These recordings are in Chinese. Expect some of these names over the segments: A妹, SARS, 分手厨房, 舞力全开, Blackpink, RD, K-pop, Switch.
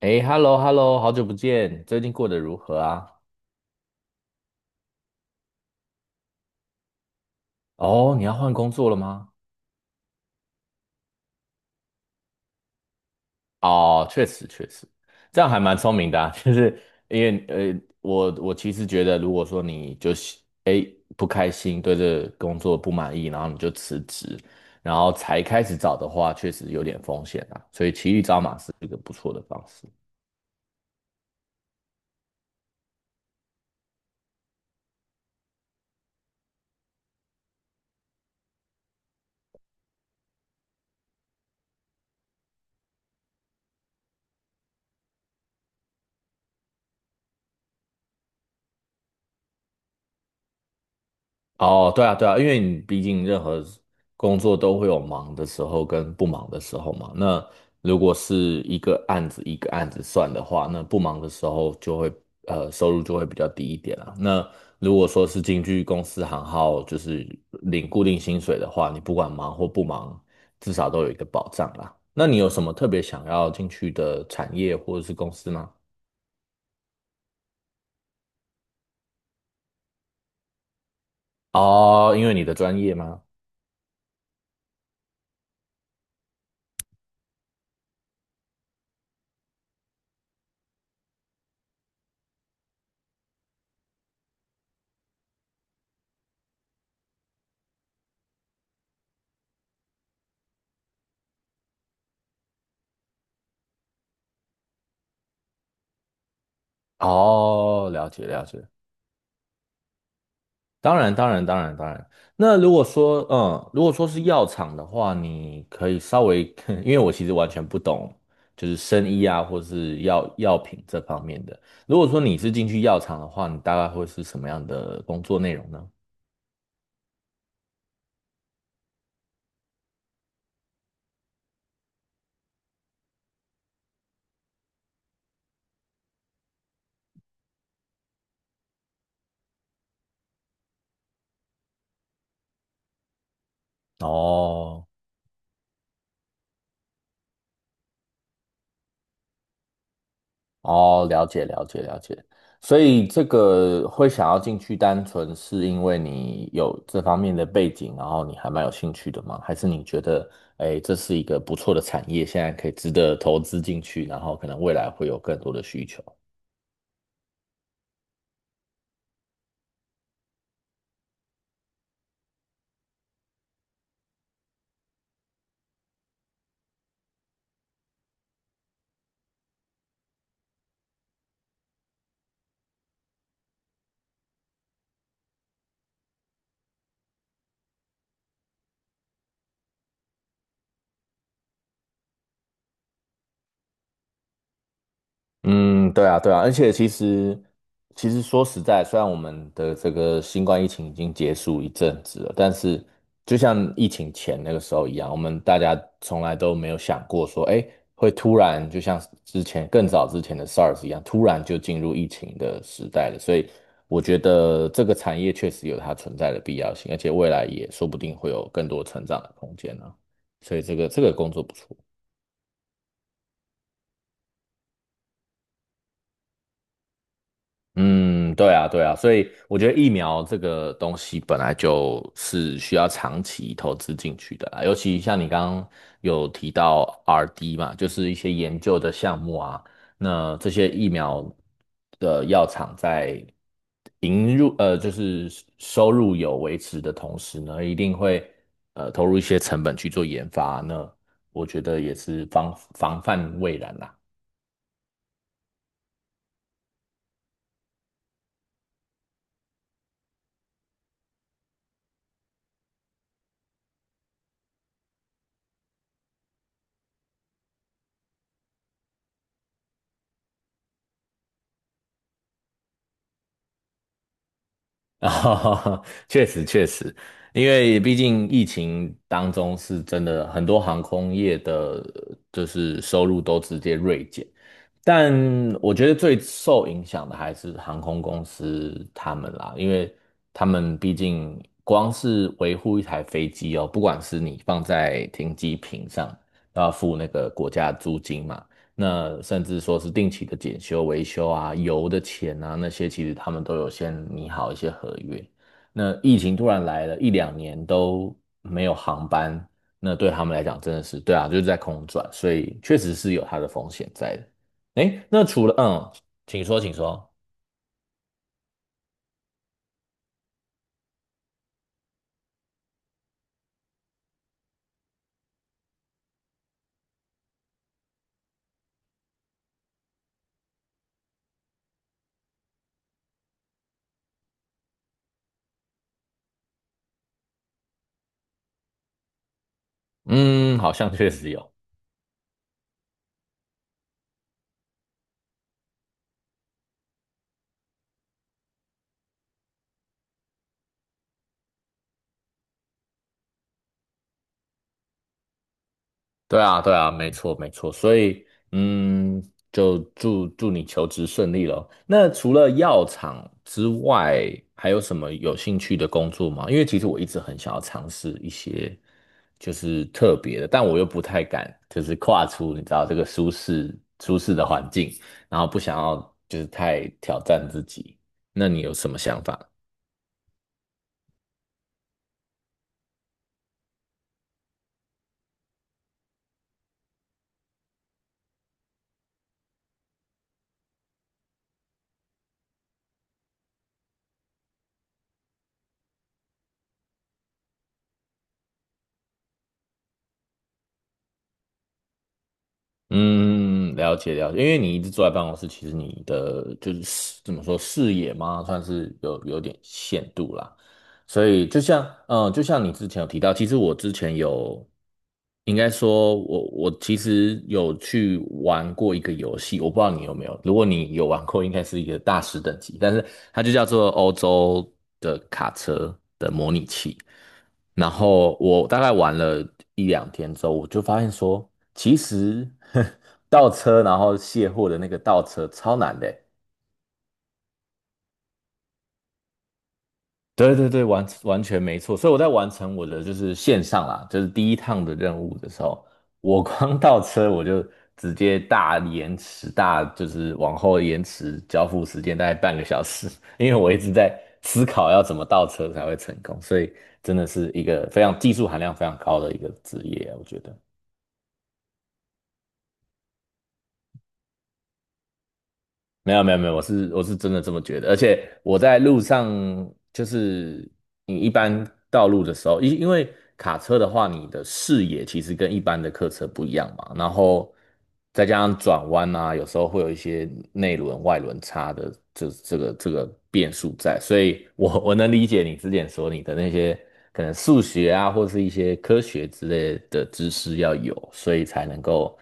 哎，hello hello，好久不见，最近过得如何啊？哦，你要换工作了吗？哦，确实确实，这样还蛮聪明的啊，就是因为我其实觉得，如果说你就是哎不开心，对这个工作不满意，然后你就辞职，然后才开始找的话，确实有点风险啊，所以骑驴找马是一个不错的方式。哦，对啊，对啊，因为你毕竟任何工作都会有忙的时候跟不忙的时候嘛。那如果是一个案子一个案子算的话，那不忙的时候就会收入就会比较低一点啦。那如果说是进去公司行号，就是领固定薪水的话，你不管忙或不忙，至少都有一个保障啦。那你有什么特别想要进去的产业或者是公司吗？哦，因为你的专业吗？哦，了解了解。当然，当然，当然，当然。那如果说，嗯，如果说是药厂的话，你可以稍微，因为我其实完全不懂，就是生医啊，或是药品这方面的。如果说你是进去药厂的话，你大概会是什么样的工作内容呢？哦，哦，了解了解了解，所以这个会想要进去，单纯是因为你有这方面的背景，然后你还蛮有兴趣的吗？还是你觉得，哎，这是一个不错的产业，现在可以值得投资进去，然后可能未来会有更多的需求？嗯，对啊，对啊，而且其实，其实说实在，虽然我们的这个新冠疫情已经结束一阵子了，但是就像疫情前那个时候一样，我们大家从来都没有想过说，哎，会突然就像之前更早之前的 SARS 一样，突然就进入疫情的时代了。所以我觉得这个产业确实有它存在的必要性，而且未来也说不定会有更多成长的空间呢、所以这个工作不错。嗯，对啊，对啊，所以我觉得疫苗这个东西本来就是需要长期投资进去的啦，尤其像你刚刚有提到 RD 嘛，就是一些研究的项目啊，那这些疫苗的药厂在引入就是收入有维持的同时呢，一定会投入一些成本去做研发，那我觉得也是防范未然啦。啊，确实确实，因为毕竟疫情当中是真的很多航空业的，就是收入都直接锐减，但我觉得最受影响的还是航空公司他们啦，因为他们毕竟光是维护一台飞机哦，不管是你放在停机坪上，都要付那个国家的租金嘛，那甚至说是定期的检修、维修啊、油的钱啊那些，其实他们都有先拟好一些合约。那疫情突然来了一两年都没有航班，那对他们来讲真的是，对啊，就是在空转，所以确实是有它的风险在的。哎，那除了嗯请说，请说。嗯，好像确实有。对啊，对啊，没错，没错。所以嗯，就祝你求职顺利咯。那除了药厂之外，还有什么有兴趣的工作吗？因为其实我一直很想要尝试一些就是特别的，但我又不太敢，就是跨出你知道这个舒适的环境，然后不想要就是太挑战自己。那你有什么想法？嗯，了解了解，因为你一直坐在办公室，其实你的就是视怎么说视野嘛，算是有点限度啦。所以就像嗯，呃就像你之前有提到，其实我之前有，应该说我其实有去玩过一个游戏，我不知道你有没有，如果你有玩过，应该是一个大师等级，但是它就叫做欧洲的卡车的模拟器。然后我大概玩了一两天之后，我就发现说，其实 倒车然后卸货的那个倒车超难的欸对对对，完完全没错。所以我在完成我的就是线上啦，就是第一趟的任务的时候，我光倒车我就直接大延迟，大就是往后延迟交付时间大概半个小时，因为我一直在思考要怎么倒车才会成功，所以真的是一个非常技术含量非常高的一个职业啊，我觉得。没有没有没有，我是真的这么觉得，而且我在路上，就是你一般道路的时候，因为卡车的话，你的视野其实跟一般的客车不一样嘛，然后再加上转弯啊，有时候会有一些内轮外轮差的这个变数在，所以我能理解你之前说你的那些可能数学啊，或是一些科学之类的知识要有，所以才能够。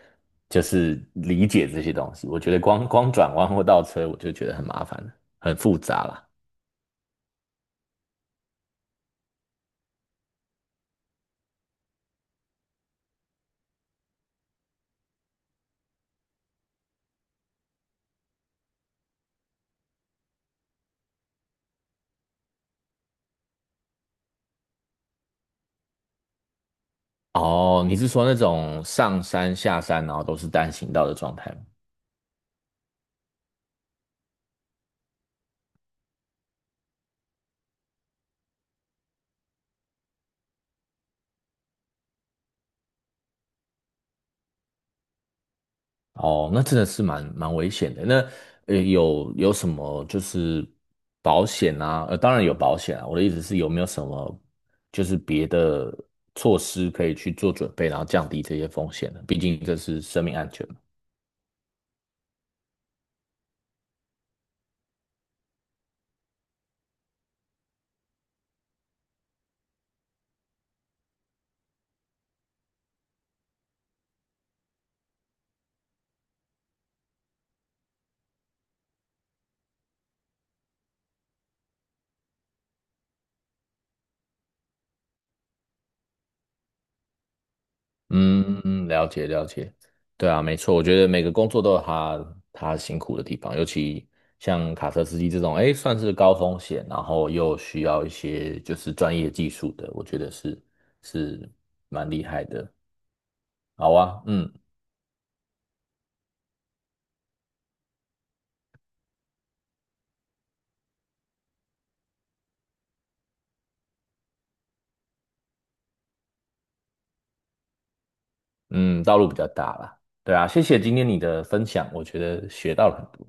就是理解这些东西。我觉得光光转弯或倒车，我就觉得很麻烦了，很复杂啦。哦，你是说那种上山下山，然后都是单行道的状态吗？哦，那真的是蛮危险的。那呃，有什么就是保险啊？呃，当然有保险啊。我的意思是有没有什么就是别的措施可以去做准备，然后降低这些风险呢？毕竟这是生命安全嘛。嗯，嗯了解了解，对啊，没错，我觉得每个工作都有他辛苦的地方，尤其像卡车司机这种，哎，算是高风险，然后又需要一些就是专业技术的，我觉得是是蛮厉害的。好啊，嗯嗯，道路比较大啦，对啊，谢谢今天你的分享，我觉得学到了很多。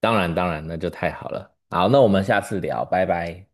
当然当然，那就太好了。好，那我们下次聊，拜拜。